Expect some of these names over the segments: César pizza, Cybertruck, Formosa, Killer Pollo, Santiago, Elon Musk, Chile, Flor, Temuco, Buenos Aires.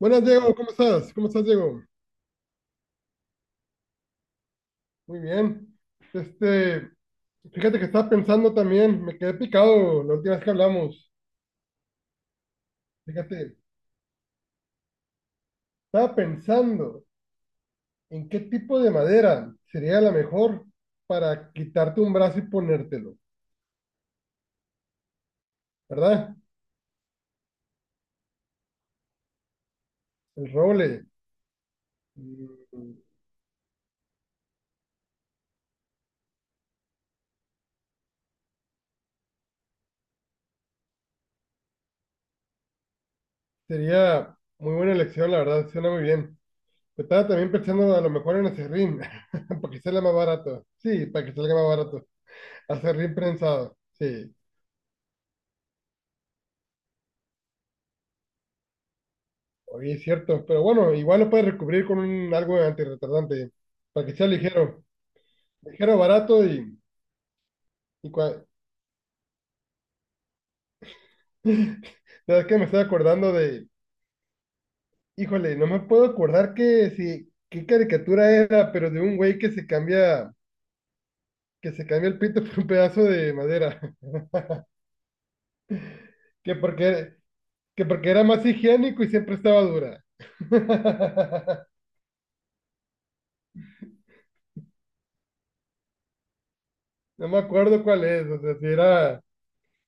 Buenas, Diego, ¿cómo estás? ¿Cómo estás, Diego? Muy bien. Este, fíjate que estaba pensando también, me quedé picado la última vez que hablamos. Fíjate, estaba pensando en qué tipo de madera sería la mejor para quitarte un brazo y ponértelo, ¿verdad? El roble mm, sería muy buena elección, la verdad, suena muy bien. Pero estaba también pensando a lo mejor en acerrín, para que salga más barato. Sí, para que salga más barato. Acerrín prensado, sí. Oye, es cierto, pero bueno, igual lo puedes recubrir con un, algo antirretardante, para que sea ligero, ligero, barato y... y cua- ¿Sabes qué? Me estoy acordando de... Híjole, no me puedo acordar que si, qué caricatura era, pero de un güey que se cambia el pito por un pedazo de madera, que porque, que porque era más higiénico y siempre estaba dura. No me acuerdo cuál es, o sea,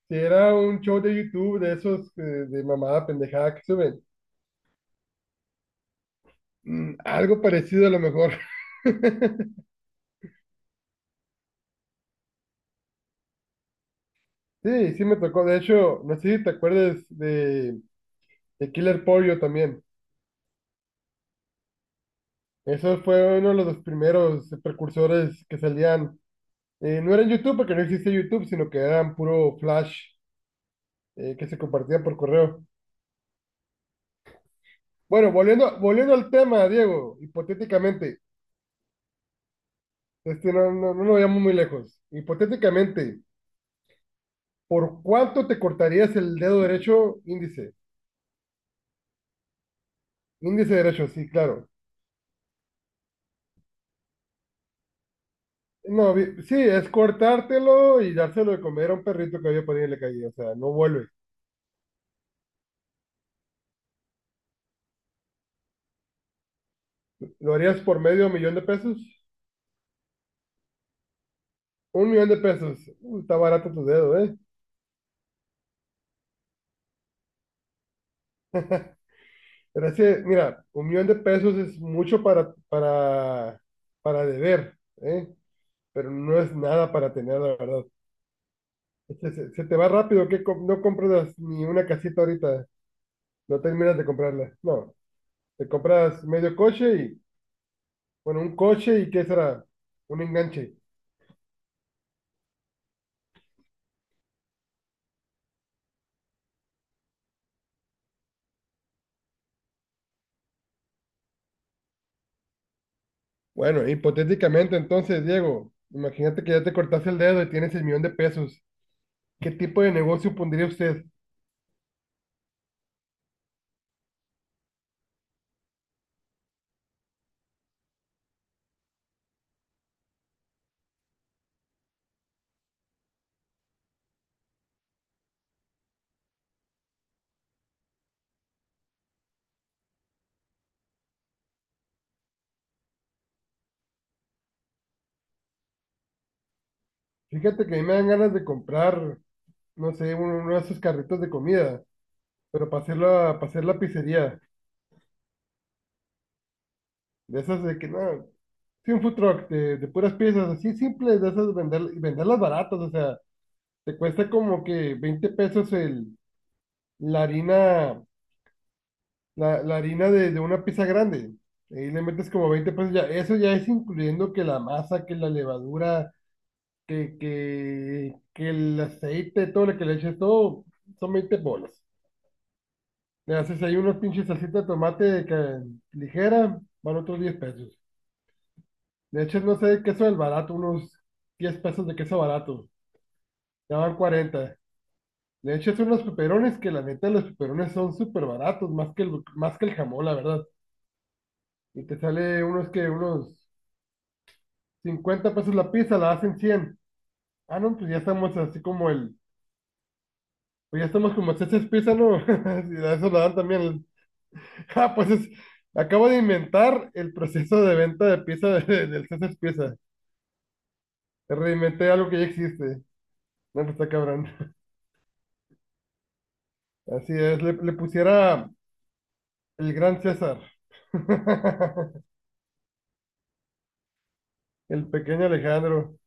si era un show de YouTube de esos de mamada pendejada que suben. Algo parecido a lo mejor. Sí, sí me tocó. De hecho, no sé si te acuerdas de Killer Pollo también. Eso fue uno de los primeros precursores que salían. No era en YouTube porque no existía YouTube, sino que eran puro flash que se compartía por correo. Bueno, volviendo al tema, Diego, hipotéticamente, no, no, no nos vayamos muy lejos. Hipotéticamente, ¿por cuánto te cortarías el dedo derecho índice? Índice derecho, sí, claro. No, sí, es cortártelo y dárselo de comer a un perrito que había por ahí en la calle. O sea, no vuelve. ¿Lo harías por 500,000 pesos? Un millón de pesos. Está barato tu dedo, ¿eh? Pero es que, mira, 1,000,000 pesos es mucho para deber, ¿eh? Pero no es nada para tener, la verdad. Se te va rápido, que no compras ni una casita ahorita. No terminas de comprarla. No, te compras medio coche y, bueno, un coche y ¿qué será? Un enganche. Bueno, hipotéticamente entonces, Diego, imagínate que ya te cortaste el dedo y tienes el millón de pesos. ¿Qué tipo de negocio pondría usted? Fíjate que a mí me dan ganas de comprar, no sé, uno de esos carritos de comida, pero para hacer la pizzería. De esas de que, no, sí, un food truck de puras piezas, así simples, de esas vender, y venderlas baratas, o sea, te cuesta como que 20 pesos el, la harina la, la harina de una pizza grande. Ahí le metes como 20 pesos. Ya, eso ya es incluyendo que la masa, que la levadura, que el aceite, todo lo que le eches, todo son 20 bolas. Le haces ahí unos pinches salsita de tomate ligera, van otros 10 pesos. Le echas, no sé, queso del barato, unos 10 pesos de queso barato, ya van 40. Le echas unos peperones, que la neta los peperones son súper baratos, más que el jamón, la verdad. Y te sale unos 50 pesos la pizza, la hacen 100. Ah, no, pues ya estamos como César pizza, ¿no? Y a eso la dan también. Ah, pues acabo de inventar el proceso de venta de pizza del César pizza. Reinventé algo que ya existe. No, pues está cabrón. Así es, le pusiera el gran César. El pequeño Alejandro.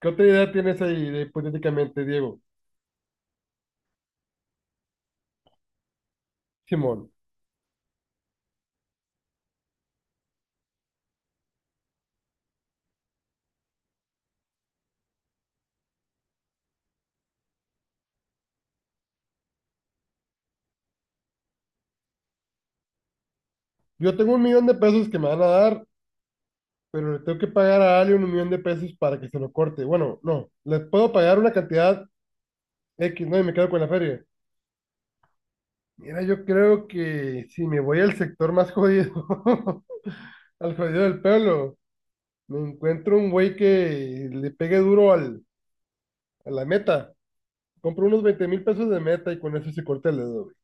¿Qué otra idea tienes ahí hipotéticamente, Diego? Simón, yo tengo 1,000,000 pesos que me van a dar, pero le tengo que pagar a alguien 1,000,000 pesos para que se lo corte. Bueno, no, le puedo pagar una cantidad X, ¿no? Y me quedo con la feria. Mira, yo creo que si me voy al sector más jodido, al jodido del pueblo, me encuentro un güey que le pegue duro a la meta. Compro unos 20,000 pesos de meta y con eso se corta el dedo, güey.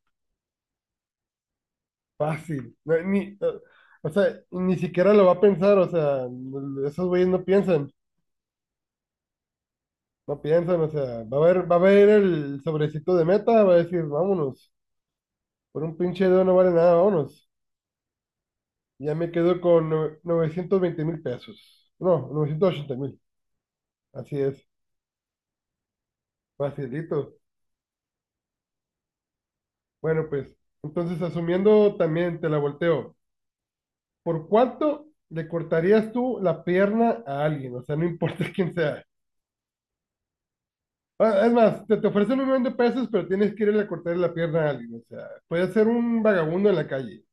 Fácil. No, ni, o sea, ni siquiera lo va a pensar, o sea, esos güeyes no piensan. No piensan, o sea, va a haber el sobrecito de meta, va a decir, vámonos, por un pinche dedo no vale nada, vámonos. Ya me quedo con 920,000 pesos. No, 980,000. Así es, facilito. Bueno, pues, entonces asumiendo también, te la volteo. ¿Por cuánto le cortarías tú la pierna a alguien? O sea, no importa quién sea. Ah, es más, te ofrecen 1,000,000 pesos, pero tienes que irle a cortar la pierna a alguien. O sea, puede ser un vagabundo en la calle.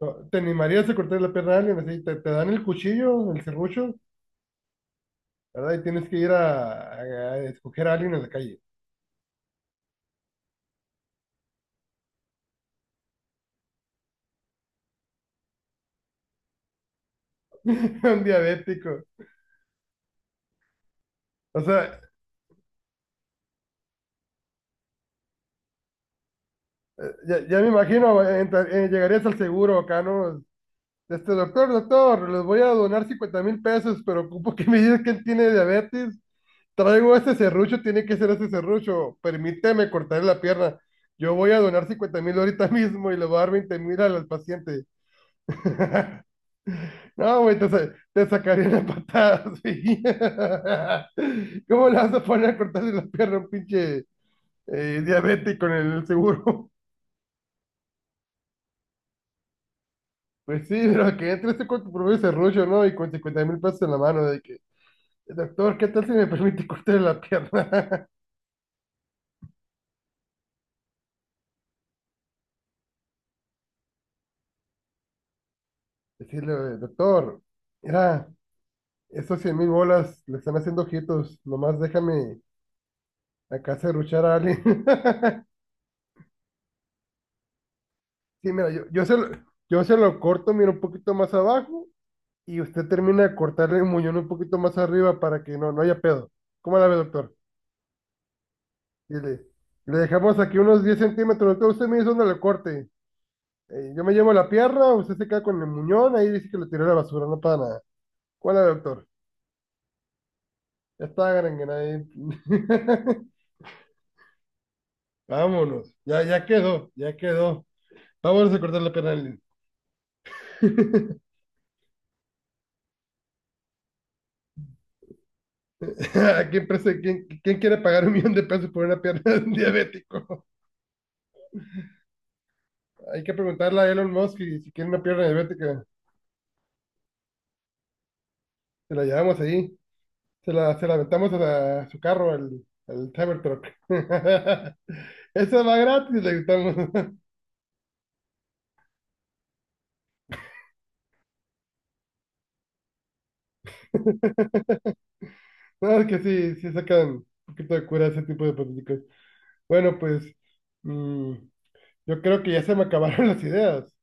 No, ¿te animarías a cortar la pierna a alguien? Así, te dan el cuchillo, el serrucho, ¿verdad? Y tienes que ir a escoger a alguien en la calle. Un diabético. O sea, ya me imagino, llegarías al seguro acá, ¿no? Doctor, doctor, les voy a donar 50,000 pesos, pero ocupo que me digas que él tiene diabetes. Traigo este serrucho, tiene que ser este serrucho. Permíteme cortarle la pierna. Yo voy a donar 50 mil ahorita mismo y le voy a dar 20,000 al paciente. No, güey, te sacarían la patada, sí. ¿Cómo le vas a poner a cortarle la pierna a un pinche diabético en el seguro? Pues sí, pero que entre este cuerpo promedio serrucho, ¿no? Y con 50,000 pesos en la mano, de que, doctor, ¿qué tal si me permite cortarle la pierna? Decirle, doctor, mira, esos 100,000 bolas le están haciendo ojitos, nomás déjame acá serruchar a alguien. Sí, mira, yo se lo corto, mira, un poquito más abajo y usted termina de cortarle el muñón un poquito más arriba para que no haya pedo. ¿Cómo la ve, doctor? Y le dejamos aquí unos 10 centímetros, doctor, usted me dice dónde le corte. Yo me llevo la pierna, usted se queda con el muñón, ahí dice que lo tiró a la basura, no para nada. ¿Cuál es, doctor? Ya está, Granguena, ahí. Vámonos, ya, ya quedó, ya quedó. Vámonos a cortar la pierna. A ¿A quién quiere pagar 1,000,000 pesos por una pierna de un diabético? Hay que preguntarle a Elon Musk y si quiere una pierna diabética. Se la llevamos ahí. Se la aventamos a su carro, al Cybertruck. Eso va gratis, le gritamos. No, es que sí sacan un poquito de cura ese tipo de políticos. Bueno, pues mm, yo creo que ya se me acabaron las ideas.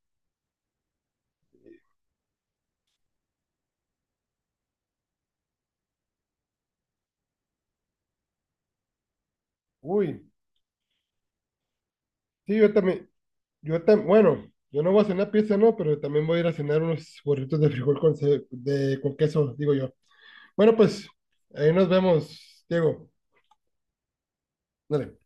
Uy, sí, yo también, yo tam bueno, yo no voy a cenar pizza, no, pero también voy a ir a cenar unos burritos de frijol con queso, digo yo. Bueno, pues ahí nos vemos, Diego. Dale.